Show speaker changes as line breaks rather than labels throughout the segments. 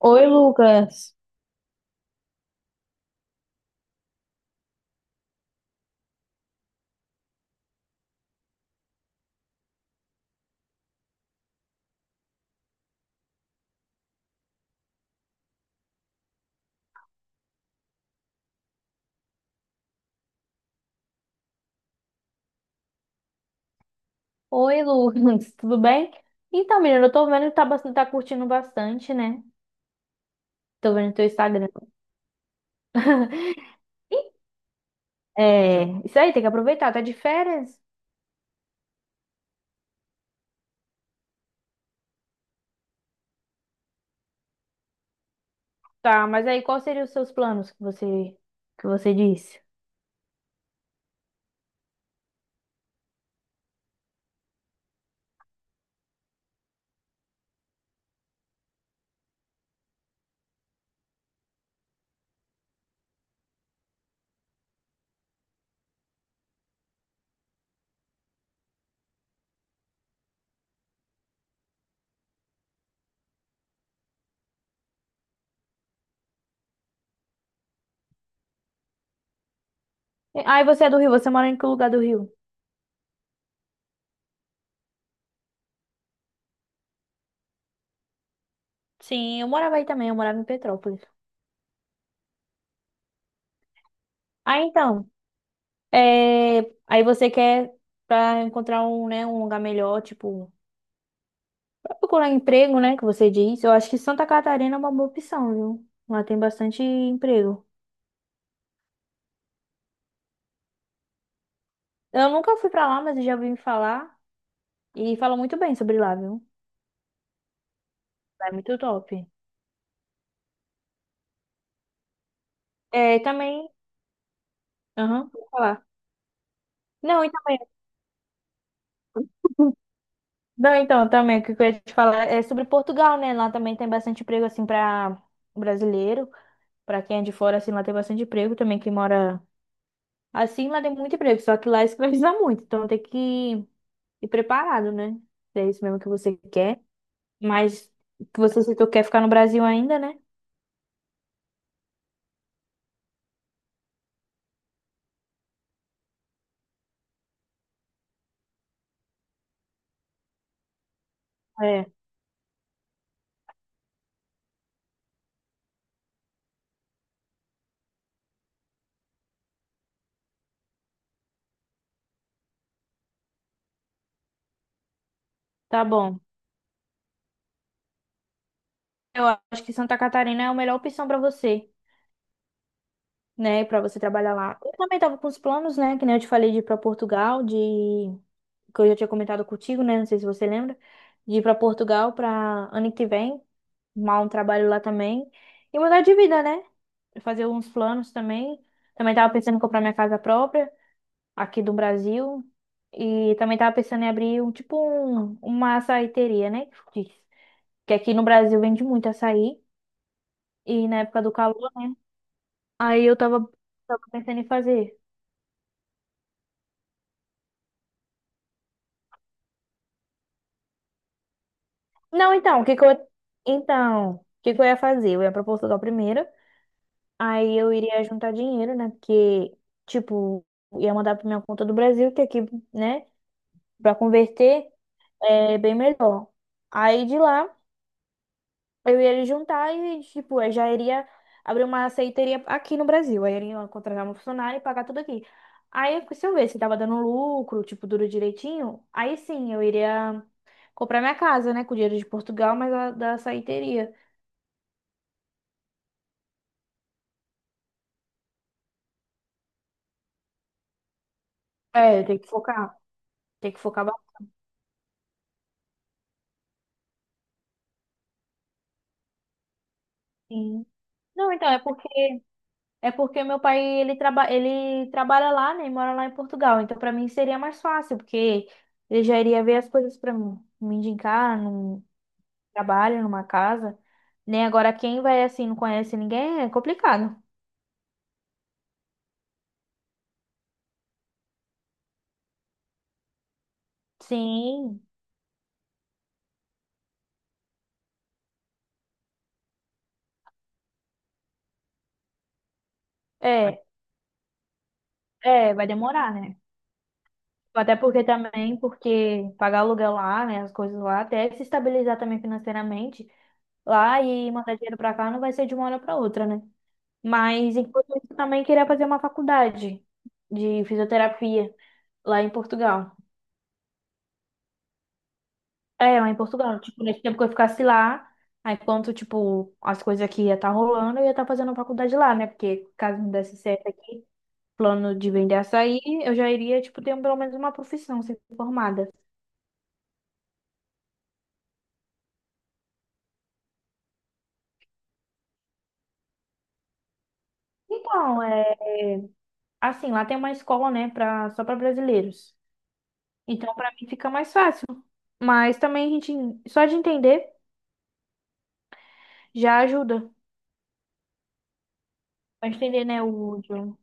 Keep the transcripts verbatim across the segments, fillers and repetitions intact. Oi, Lucas. Oi, Lucas, tudo bem? Então, menina, eu tô vendo que tá, bastante, tá curtindo bastante, né? Tô vendo teu Instagram. É, isso aí, tem que aproveitar, tá de férias? Tá, mas aí quais seriam os seus planos que você que você disse? Aí você é do Rio, você mora em que lugar do Rio? Sim, eu morava aí também, eu morava em Petrópolis. Ah, então, é, aí você quer pra encontrar um, né, um lugar melhor, tipo procurar emprego, né, que você disse, eu acho que Santa Catarina é uma boa opção, viu? Lá tem bastante emprego. Eu nunca fui pra lá, mas eu já ouvi falar e falam muito bem sobre lá, viu? Lá é muito top. É, e também, aham, vou falar. Não, e também, não, então, também, o que eu ia te falar é sobre Portugal, né? Lá também tem bastante emprego, assim, pra brasileiro, pra quem é de fora, assim, lá tem bastante emprego também, quem mora, assim, lá tem muito emprego, só que lá escraviza muito, então tem que ir preparado, né? Se é isso mesmo que você quer. Mas que você citou que quer ficar no Brasil ainda, né? É, tá bom. Eu acho que Santa Catarina é a melhor opção pra você, né? Pra você trabalhar lá. Eu também tava com os planos, né? Que nem eu te falei de ir pra Portugal, de que eu já tinha comentado contigo, né? Não sei se você lembra, de ir pra Portugal pra ano que vem, arrumar um trabalho lá também e mudar de vida, né? Fazer uns planos também. Também tava pensando em comprar minha casa própria aqui do Brasil. E também tava pensando em abrir um tipo um, uma açaiteria, né? Que aqui no Brasil vende muito açaí e na época do calor, né? Aí eu tava, tava pensando em fazer. Não, então, o que que eu então, o que que eu ia fazer? Eu ia pra Portugal primeiro, aí eu iria juntar dinheiro, né? Porque tipo, ia mandar pra minha conta do Brasil, que aqui, né, pra converter é bem melhor. Aí de lá eu ia juntar e, tipo, eu já iria abrir uma aceiteria aqui no Brasil. Aí eu iria contratar um funcionário e pagar tudo aqui. Aí, se eu ver se tava dando lucro, tipo, duro direitinho, aí sim, eu iria comprar minha casa, né? Com dinheiro de Portugal, mas a, da aceiteria. É, tem que focar. Tem que focar bastante. Não, então, é porque, é porque meu pai, ele, traba, ele trabalha lá, né? E mora lá em Portugal. Então, pra mim, seria mais fácil, porque ele já iria ver as coisas pra mim. Me indicar, não trabalha numa casa, né? Agora, quem vai assim, não conhece ninguém, é complicado. Sim, é, é, vai demorar, né? Até porque também, porque pagar aluguel lá, né, as coisas lá, até se estabilizar também financeiramente lá e mandar dinheiro pra cá não vai ser de uma hora pra outra, né? Mas enquanto isso, eu também queria fazer uma faculdade de fisioterapia lá em Portugal. É, lá em Portugal. Tipo, nesse tempo que eu ficasse lá, aí enquanto, tipo, as coisas aqui ia estar rolando, eu ia estar fazendo faculdade lá, né? Porque caso não desse certo aqui, plano de vender açaí, eu já iria, tipo, ter pelo menos uma profissão, ser formada. Então, é, assim, lá tem uma escola, né, pra, só para brasileiros. Então, pra mim fica mais fácil. Mas também a gente, só de entender, já ajuda. Pra entender, né, o idioma.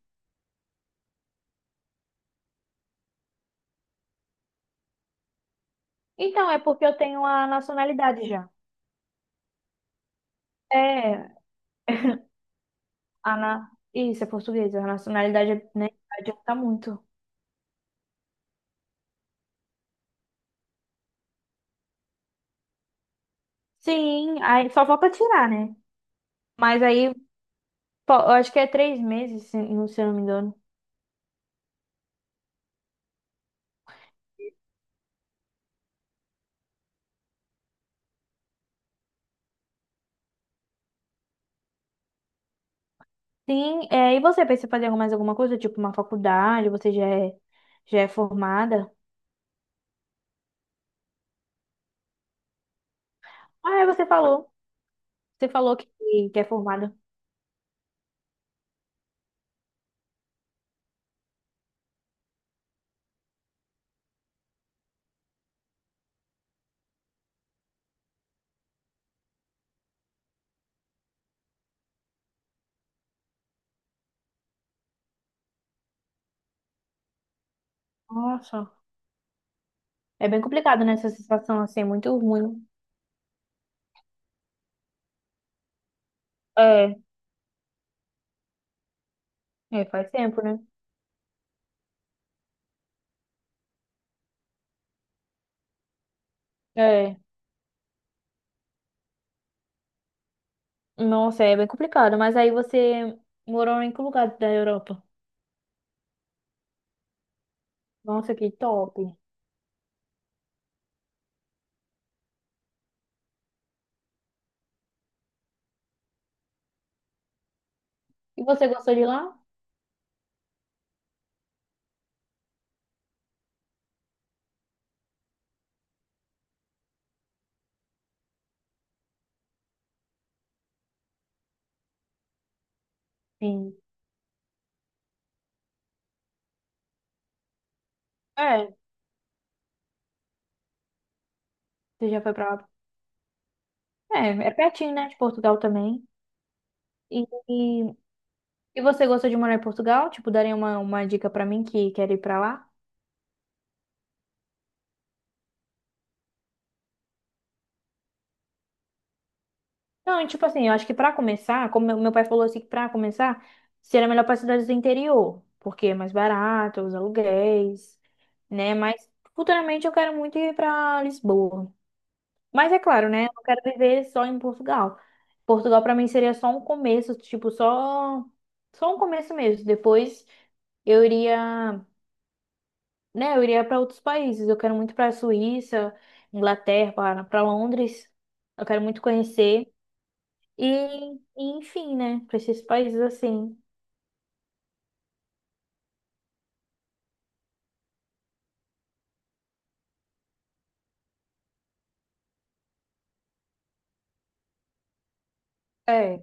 Então, é porque eu tenho a nacionalidade já. É. Ana... isso, é portuguesa. A nacionalidade né, adianta muito. Sim, aí só falta tirar, né? Mas aí, pô, eu acho que é três meses, se não se eu não me engano. Sim, é, e você pensa em fazer mais alguma coisa, tipo uma faculdade, você já é, já é formada? Ah, é, você falou. Você falou que, que é formada. Nossa, é bem complicado, né? Essa situação assim, é muito ruim. É, é, faz tempo, né? É, nossa, é bem complicado. Mas aí você morou em que lugar da Europa? Nossa, que top. E você gostou de lá? Sim. É, você já foi pra lá. É, é pertinho, né? De Portugal também. E, e, e você gostou de morar em Portugal? Tipo, daria uma, uma dica pra mim que quer ir pra lá? Não, e tipo assim, eu acho que pra começar, como meu, meu pai falou assim, que pra começar, seria melhor pra cidades do interior, porque é mais barato, os aluguéis, né? Mas futuramente eu quero muito ir pra Lisboa. Mas é claro, né? Eu não quero viver só em Portugal. Portugal para mim seria só um começo, tipo, só só um começo mesmo. Depois eu iria, né, eu iria para outros países. Eu quero muito para a Suíça, Inglaterra, para Londres. Eu quero muito conhecer e, e, enfim, né, para esses países assim. É.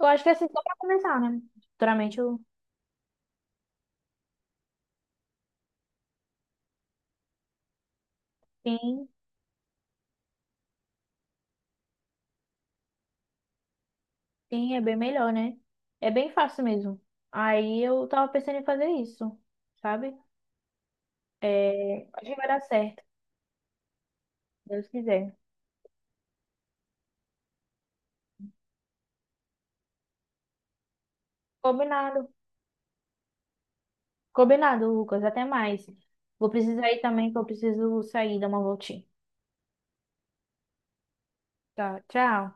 Eu acho que assim só para começar, né? Futuramente eu sim, sim, é bem melhor, né? É bem fácil mesmo. Aí eu tava pensando em fazer isso, sabe? É, acho que vai dar certo, se Deus quiser. Combinado. Combinado, Lucas. Até mais. Vou precisar ir também, que eu preciso sair, dar uma voltinha. Tá, tchau.